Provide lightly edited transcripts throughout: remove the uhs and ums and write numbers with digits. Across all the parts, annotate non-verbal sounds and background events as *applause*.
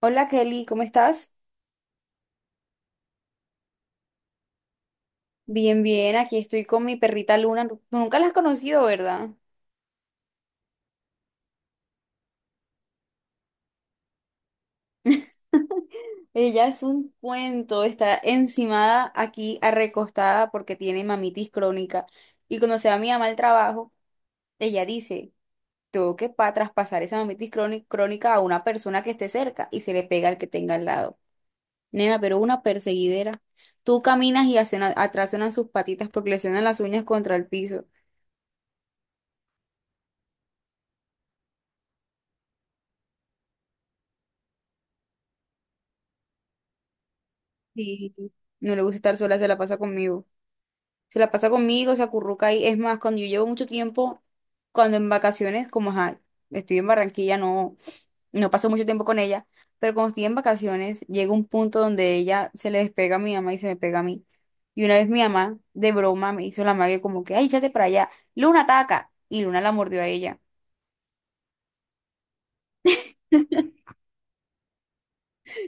Hola Kelly, ¿cómo estás? Bien, bien, aquí estoy con mi perrita Luna. Tú nunca la has conocido, ¿verdad? *laughs* Ella es un cuento, está encimada aquí, arrecostada porque tiene mamitis crónica. Y cuando se va mi mamá al trabajo, ella dice, tengo que pa traspasar esa mamitis crónica a una persona que esté cerca y se le pega al que tenga al lado. Nena, pero una perseguidera. Tú caminas y atrás suenan sus patitas porque le suenan las uñas contra el piso. Y no le gusta estar sola, se la pasa conmigo. Se la pasa conmigo, se acurruca ahí. Es más, cuando yo llevo mucho tiempo, cuando en vacaciones, como ajá, estoy en Barranquilla, no, no paso mucho tiempo con ella, pero cuando estoy en vacaciones, llega un punto donde ella se le despega a mi mamá y se me pega a mí. Y una vez mi mamá, de broma, me hizo la magia como que, ay, échate para allá, Luna ataca. Y Luna la mordió a ella.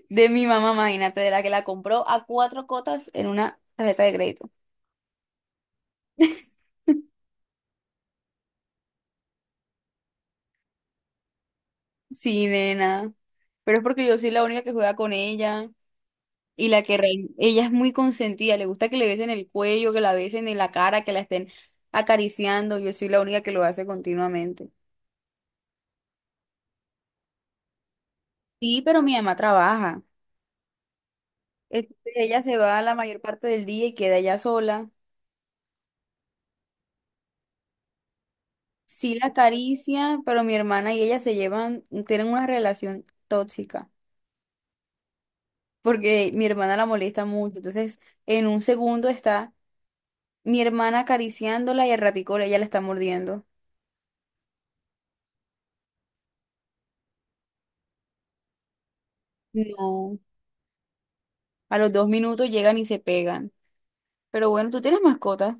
De mi mamá, imagínate, de la que la compró a 4 cotas en una tarjeta de crédito. Sí, nena. Pero es porque yo soy la única que juega con ella. Y la ella es muy consentida, le gusta que le besen el cuello, que la besen en la cara, que la estén acariciando. Yo soy la única que lo hace continuamente. Sí, pero mi mamá trabaja. Entonces, ella se va la mayor parte del día y queda ella sola. Sí la acaricia, pero mi hermana y ella se llevan, tienen una relación tóxica, porque mi hermana la molesta mucho. Entonces, en un segundo está mi hermana acariciándola y al ratico ella la está mordiendo. No, a los 2 minutos llegan y se pegan. Pero bueno, tú tienes mascota.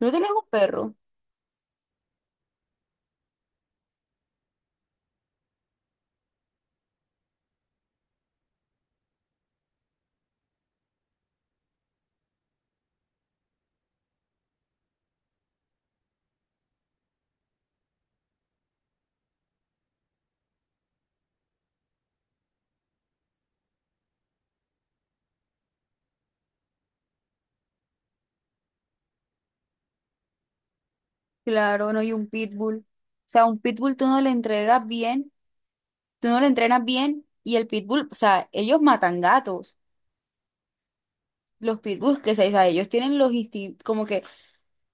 No tienes un perro. Claro, no, y un pitbull. O sea, un pitbull tú no le entregas bien, tú no le entrenas bien y el pitbull, o sea, ellos matan gatos. Los pitbulls, que se, o sea, ellos tienen los instintos, como que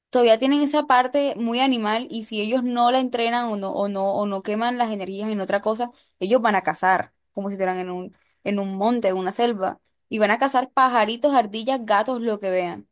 todavía tienen esa parte muy animal y si ellos no la entrenan o no queman las energías en otra cosa, ellos van a cazar, como si estuvieran en un monte, en una selva, y van a cazar pajaritos, ardillas, gatos, lo que vean.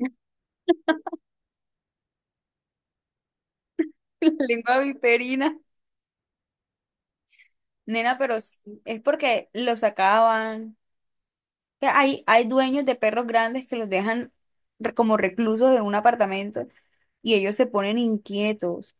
*laughs* Lengua viperina. Nena, pero sí, es porque los sacaban. Que hay dueños de perros grandes que los dejan como reclusos de un apartamento y ellos se ponen inquietos.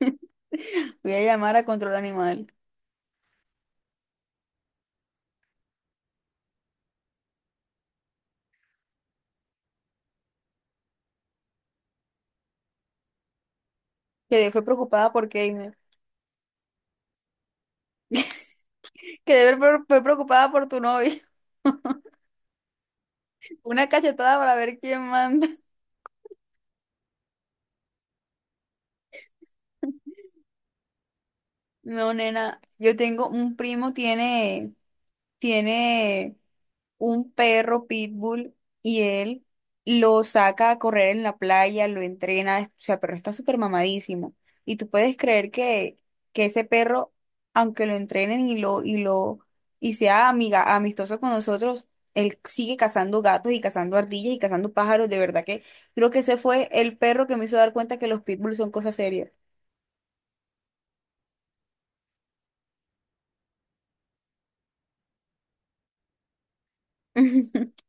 *laughs* Voy a llamar a control animal. Que fue preocupada por Keimer. Que debe fue preocupada por tu novio. *laughs* Una cachetada para ver quién manda. No, nena, yo tengo un primo, tiene un perro pitbull y él lo saca a correr en la playa, lo entrena, o sea, pero está súper mamadísimo. Y tú puedes creer que ese perro, aunque lo entrenen y sea amistoso con nosotros, él sigue cazando gatos y cazando ardillas y cazando pájaros. De verdad que creo que ese fue el perro que me hizo dar cuenta que los pitbulls son cosas serias. *laughs*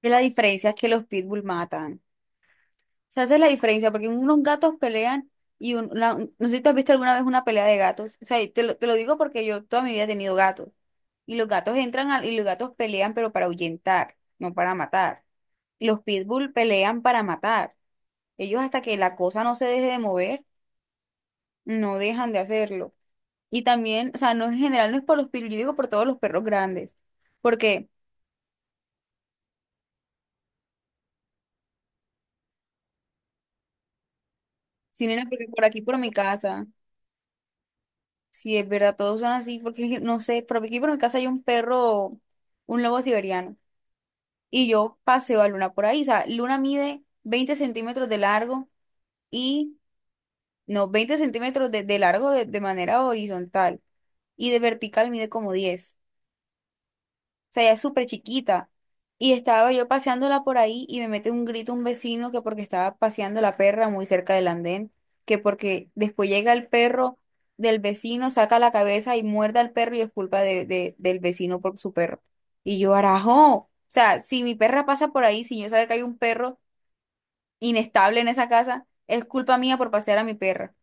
Y la diferencia es que los pitbull matan. Se hace la diferencia, porque unos gatos pelean y no sé si tú has visto alguna vez una pelea de gatos. O sea, y te lo digo porque yo toda mi vida he tenido gatos. Y los gatos y los gatos pelean, pero para ahuyentar, no para matar. Los pitbull pelean para matar. Ellos hasta que la cosa no se deje de mover, no dejan de hacerlo. Y también, o sea, no en general, no es por los pitbull, yo digo por todos los perros grandes. Porque, si nena, porque por aquí, por mi casa. Sí, es verdad, todos son así, porque no sé, pero aquí por mi casa hay un perro, un lobo siberiano, y yo paseo a Luna por ahí. O sea, Luna mide 20 centímetros de largo y, no, 20 centímetros de largo de manera horizontal, y de vertical mide como 10 sea, ella es súper chiquita. Y estaba yo paseándola por ahí y me mete un grito un vecino que porque estaba paseando la perra muy cerca del andén, que porque después llega el perro del vecino, saca la cabeza y muerde al perro y es culpa del vecino por su perro. Y yo, arajo, o sea, si mi perra pasa por ahí sin yo saber que hay un perro inestable en esa casa, es culpa mía por pasear a mi perra.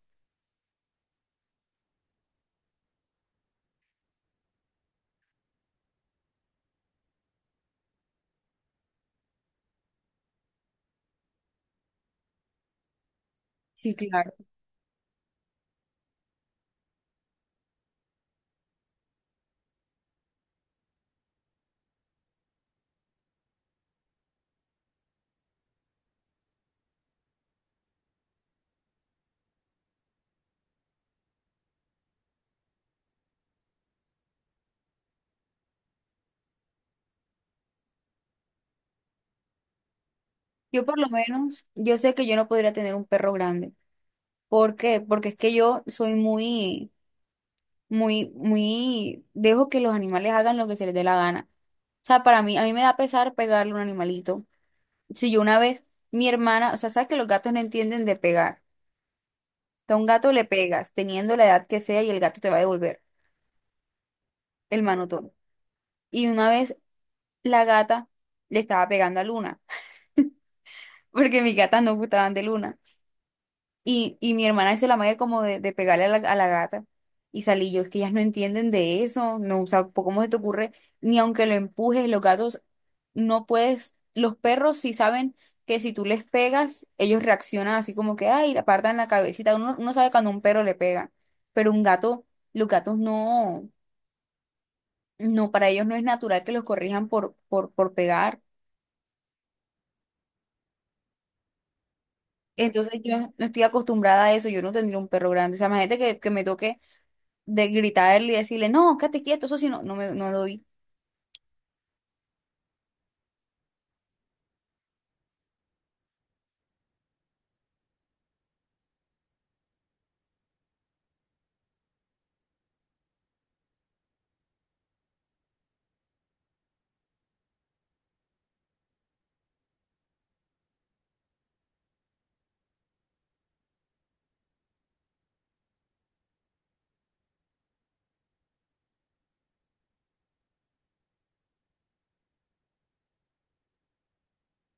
Sí, claro. Yo por lo menos, yo sé que yo no podría tener un perro grande. ¿Por qué? Porque es que yo soy muy, muy, muy, dejo que los animales hagan lo que se les dé la gana. O sea, para mí, a mí me da pesar pegarle a un animalito. Si yo una vez, mi hermana, o sea, sabes que los gatos no entienden de pegar. A un gato le pegas, teniendo la edad que sea, y el gato te va a devolver el manotón. Y una vez la gata le estaba pegando a Luna, *laughs* porque mis gatas no gustaban de Luna. Y mi hermana hizo la magia como de pegarle a a la gata. Y salí yo, es que ellas no entienden de eso, no, o sea, ¿cómo se te ocurre? Ni aunque lo empujes, los gatos no puedes, los perros sí saben que si tú les pegas, ellos reaccionan así como que, ay, le apartan la cabecita. Uno sabe cuando un perro le pega, pero un gato, los gatos no, no, para ellos no es natural que los corrijan por pegar. Entonces yo no estoy acostumbrada a eso, yo no tendría un perro grande. O sea, imagínate que me toque de gritarle y decirle, no, quédate quieto, eso sí, no, no me no doy.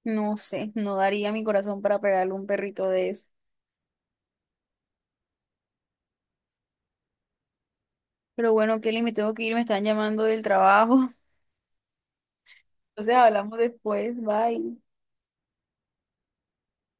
No sé, no daría mi corazón para pegarle a un perrito de eso. Pero bueno, Kelly, me tengo que ir, me están llamando del trabajo. *laughs* Entonces hablamos después, bye.